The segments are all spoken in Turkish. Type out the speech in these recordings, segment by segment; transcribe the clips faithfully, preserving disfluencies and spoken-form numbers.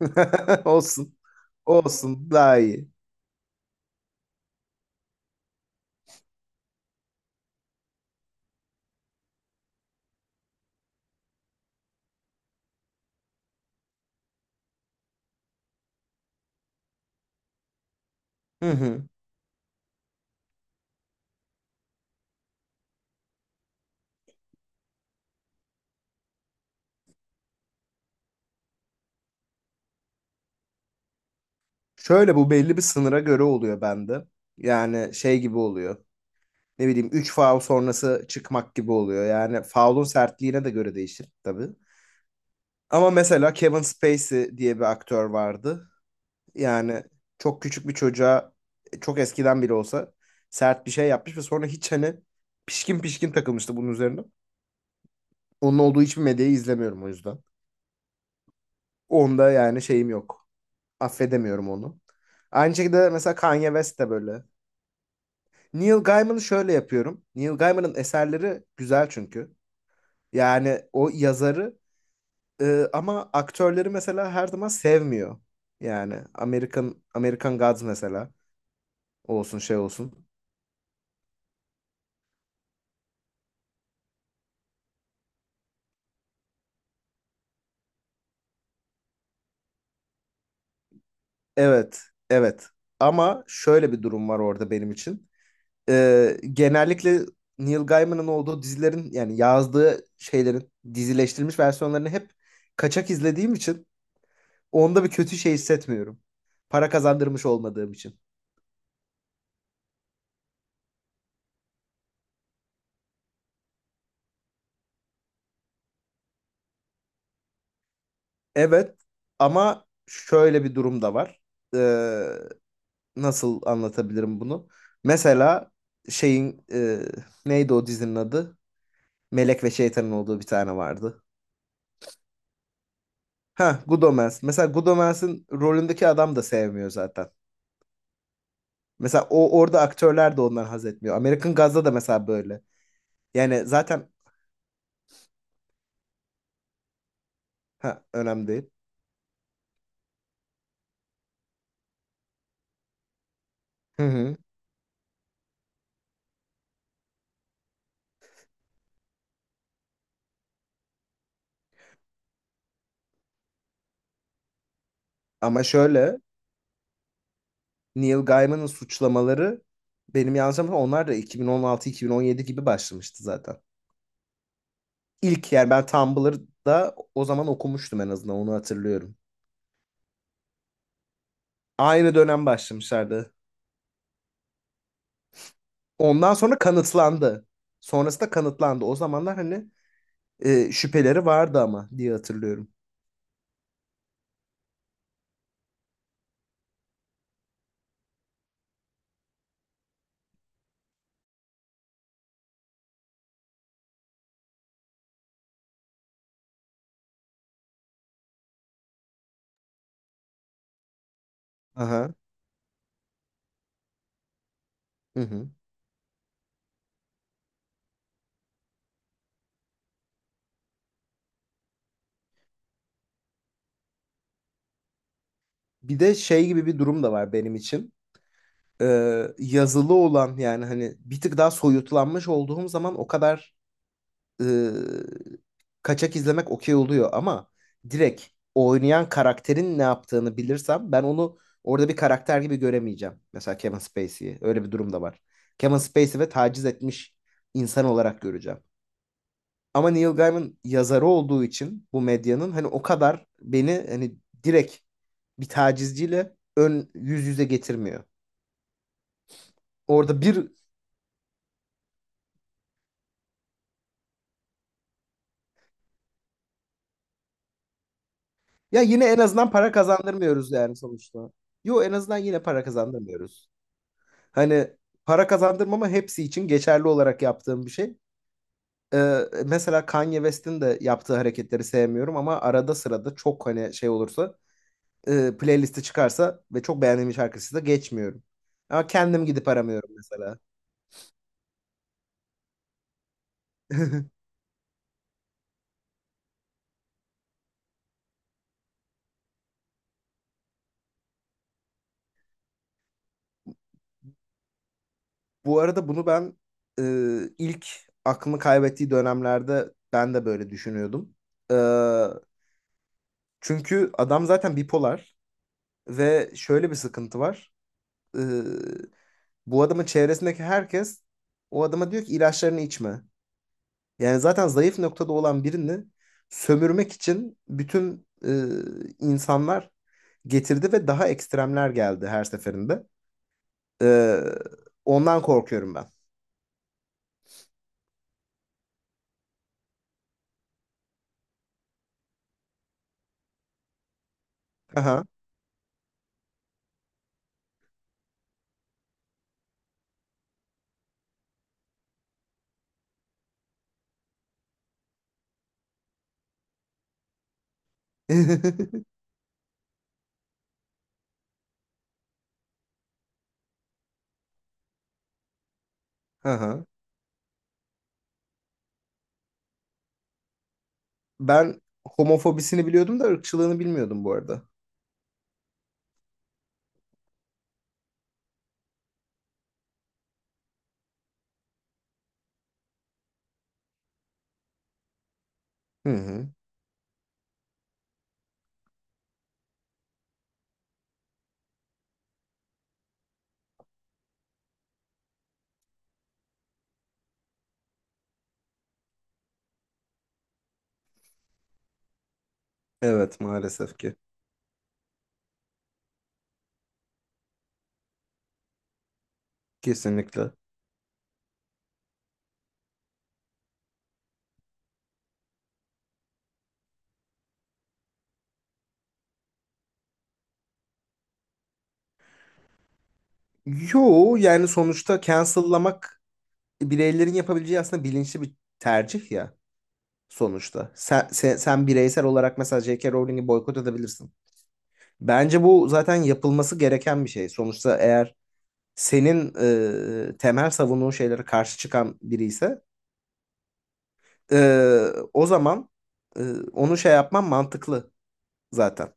Olsun. Olsun daha iyi. Hı hı. Şöyle bu belli bir sınıra göre oluyor bende. Yani şey gibi oluyor. Ne bileyim üç faul sonrası çıkmak gibi oluyor. Yani faulun sertliğine de göre değişir tabii. Ama mesela Kevin Spacey diye bir aktör vardı. Yani çok küçük bir çocuğa çok eskiden bile olsa sert bir şey yapmış ve sonra hiç hani pişkin pişkin takılmıştı bunun üzerine. Onun olduğu hiçbir medyayı izlemiyorum o yüzden. Onda yani şeyim yok. affedemiyorum onu. Aynı şekilde mesela Kanye West de böyle. Neil Gaiman'ı şöyle yapıyorum. Neil Gaiman'ın eserleri güzel çünkü. Yani o yazarı e, ama aktörleri mesela her zaman sevmiyor. Yani American American Gods mesela olsun şey olsun. Evet, evet. Ama şöyle bir durum var orada benim için. E, genellikle Neil Gaiman'ın olduğu dizilerin yani yazdığı şeylerin dizileştirilmiş versiyonlarını hep kaçak izlediğim için, Onda bir kötü şey hissetmiyorum. Para kazandırmış olmadığım için. Evet ama şöyle bir durum da var. Ee, nasıl anlatabilirim bunu? Mesela şeyin e, neydi o dizinin adı? Melek ve Şeytan'ın olduğu bir tane vardı. Ha, Good Omens. Mesela Good Omens'in rolündeki adam da sevmiyor zaten. Mesela o orada aktörler de ondan haz etmiyor. American Gods'da da mesela böyle. Yani zaten. Ha, önemli değil. Hı hı. Ama şöyle Neil Gaiman'ın suçlamaları benim yanlış hatırlamıyorsam onlar da iki bin on altı-iki bin on yedi gibi başlamıştı zaten. İlk yani ben Tumblr'da o zaman okumuştum, en azından onu hatırlıyorum. Aynı dönem başlamışlardı. Ondan sonra kanıtlandı. Sonrası da kanıtlandı. O zamanlar hani e, şüpheleri vardı ama diye hatırlıyorum. Aha. Hı hı. Bir de şey gibi bir durum da var benim için. Ee, yazılı olan yani hani bir tık daha soyutlanmış olduğum zaman o kadar e, kaçak izlemek okey oluyor ama direkt oynayan karakterin ne yaptığını bilirsem ben onu orada bir karakter gibi göremeyeceğim. Mesela Kevin Spacey'i. Öyle bir durum da var. Kevin Spacey ve taciz etmiş insan olarak göreceğim. Ama Neil Gaiman yazarı olduğu için bu medyanın hani o kadar beni hani direkt bir tacizciyle ön yüz yüze getirmiyor. Orada bir ya yine en azından para kazandırmıyoruz yani sonuçta. Yo en azından yine para kazandırmıyoruz. Hani para kazandırmama hepsi için geçerli olarak yaptığım bir şey. Ee, mesela Kanye West'in de yaptığı hareketleri sevmiyorum ama arada sırada çok hani şey olursa e, playlisti çıkarsa ve çok beğendiğim şarkısı da geçmiyorum. Ama kendim gidip aramıyorum mesela. Bu arada bunu ben e, ilk aklını kaybettiği dönemlerde ben de böyle düşünüyordum. Ee, çünkü adam zaten bipolar ve şöyle bir sıkıntı var. E, Bu adamın çevresindeki herkes o adama diyor ki ilaçlarını içme. Yani zaten zayıf noktada olan birini sömürmek için bütün e, insanlar getirdi ve daha ekstremler geldi her seferinde. E, ondan korkuyorum ben. Aha. Aha. Ben homofobisini biliyordum da ırkçılığını bilmiyordum bu arada. Hı hı. Evet maalesef ki. Kesinlikle. Yo yani sonuçta cancel'lamak bireylerin yapabileceği aslında bilinçli bir tercih ya sonuçta. Sen, sen, sen bireysel olarak mesela J K. Rowling'i boykot edebilirsin. Bence bu zaten yapılması gereken bir şey. Sonuçta eğer senin e, temel savunduğun şeylere karşı çıkan biri ise e, o zaman e, onu şey yapman mantıklı zaten.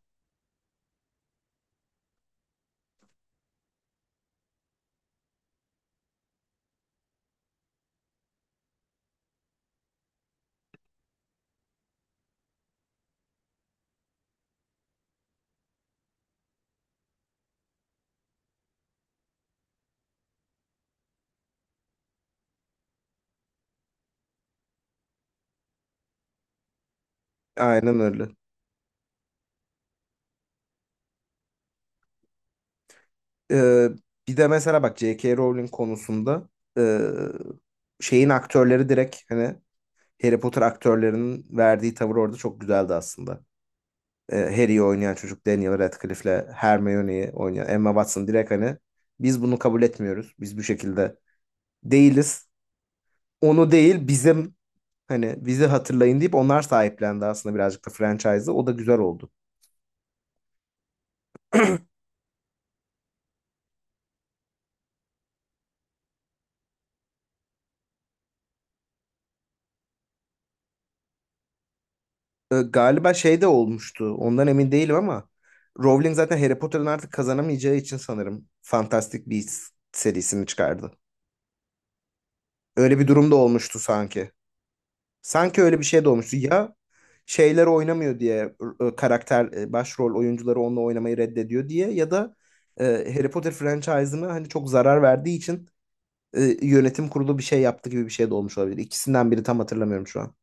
Aynen öyle. E, bir de mesela bak J K. Rowling konusunda e, şeyin aktörleri direkt hani Harry Potter aktörlerinin verdiği tavır orada çok güzeldi aslında. Ee, Harry'i oynayan çocuk Daniel Radcliffe'le Hermione'yi oynayan Emma Watson direkt hani biz bunu kabul etmiyoruz. Biz bu şekilde değiliz. Onu değil bizim hani bizi hatırlayın deyip onlar sahiplendi aslında birazcık da franchise'ı. O da güzel oldu. Ee, galiba şey de olmuştu. Ondan emin değilim ama Rowling zaten Harry Potter'ın artık kazanamayacağı için sanırım Fantastic Beasts serisini çıkardı. Öyle bir durum da olmuştu sanki. Sanki öyle bir şey de olmuştu. Ya şeyler oynamıyor diye e, karakter e, başrol oyuncuları onunla oynamayı reddediyor diye ya da e, Harry Potter franchise'ına hani çok zarar verdiği için e, yönetim kurulu bir şey yaptı gibi bir şey de olmuş olabilir. İkisinden biri tam hatırlamıyorum şu an.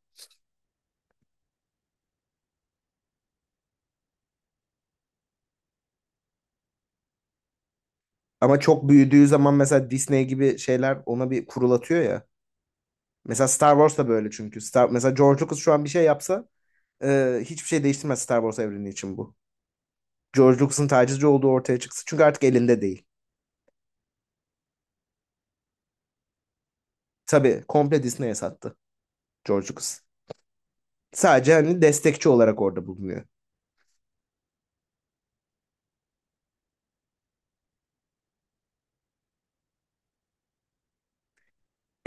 Ama çok büyüdüğü zaman mesela Disney gibi şeyler ona bir kurul atıyor ya. Mesela Star Wars da böyle çünkü. Star, mesela George Lucas şu an bir şey yapsa e, hiçbir şey değiştirmez Star Wars evreni için bu. George Lucas'ın tacizci olduğu ortaya çıksın. Çünkü artık elinde değil. Tabii komple Disney'e sattı. George Lucas. Sadece hani destekçi olarak orada bulunuyor.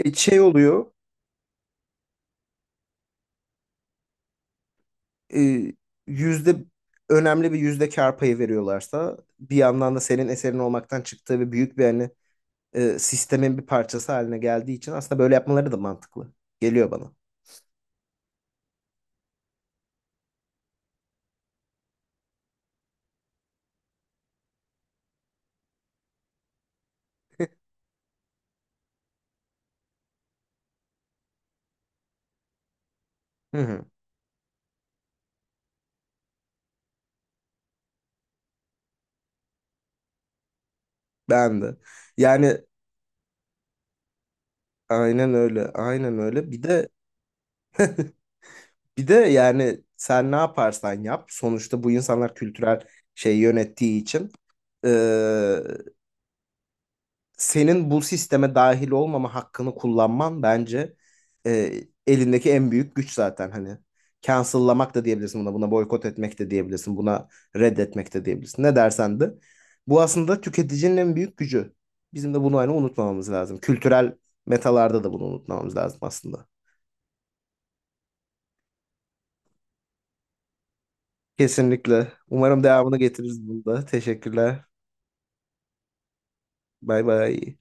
E, şey oluyor, e, yüzde önemli bir yüzde kar payı veriyorlarsa bir yandan da senin eserin olmaktan çıktığı ve büyük bir hani e, sistemin bir parçası haline geldiği için aslında böyle yapmaları da mantıklı. Geliyor bana. Hı hı. Ben de. Yani aynen öyle. Aynen öyle. Bir de bir de yani sen ne yaparsan yap sonuçta bu insanlar kültürel şey yönettiği için e, senin bu sisteme dahil olmama hakkını kullanman bence e, elindeki en büyük güç zaten hani. Cancel'lamak da diyebilirsin buna, buna boykot etmek de diyebilirsin, buna reddetmek de diyebilirsin. Ne dersen de. Bu aslında tüketicinin en büyük gücü. Bizim de bunu hani unutmamamız lazım. Kültürel metalarda da bunu unutmamamız lazım aslında. Kesinlikle. Umarım devamını getiririz bunda. Teşekkürler. Bay bay.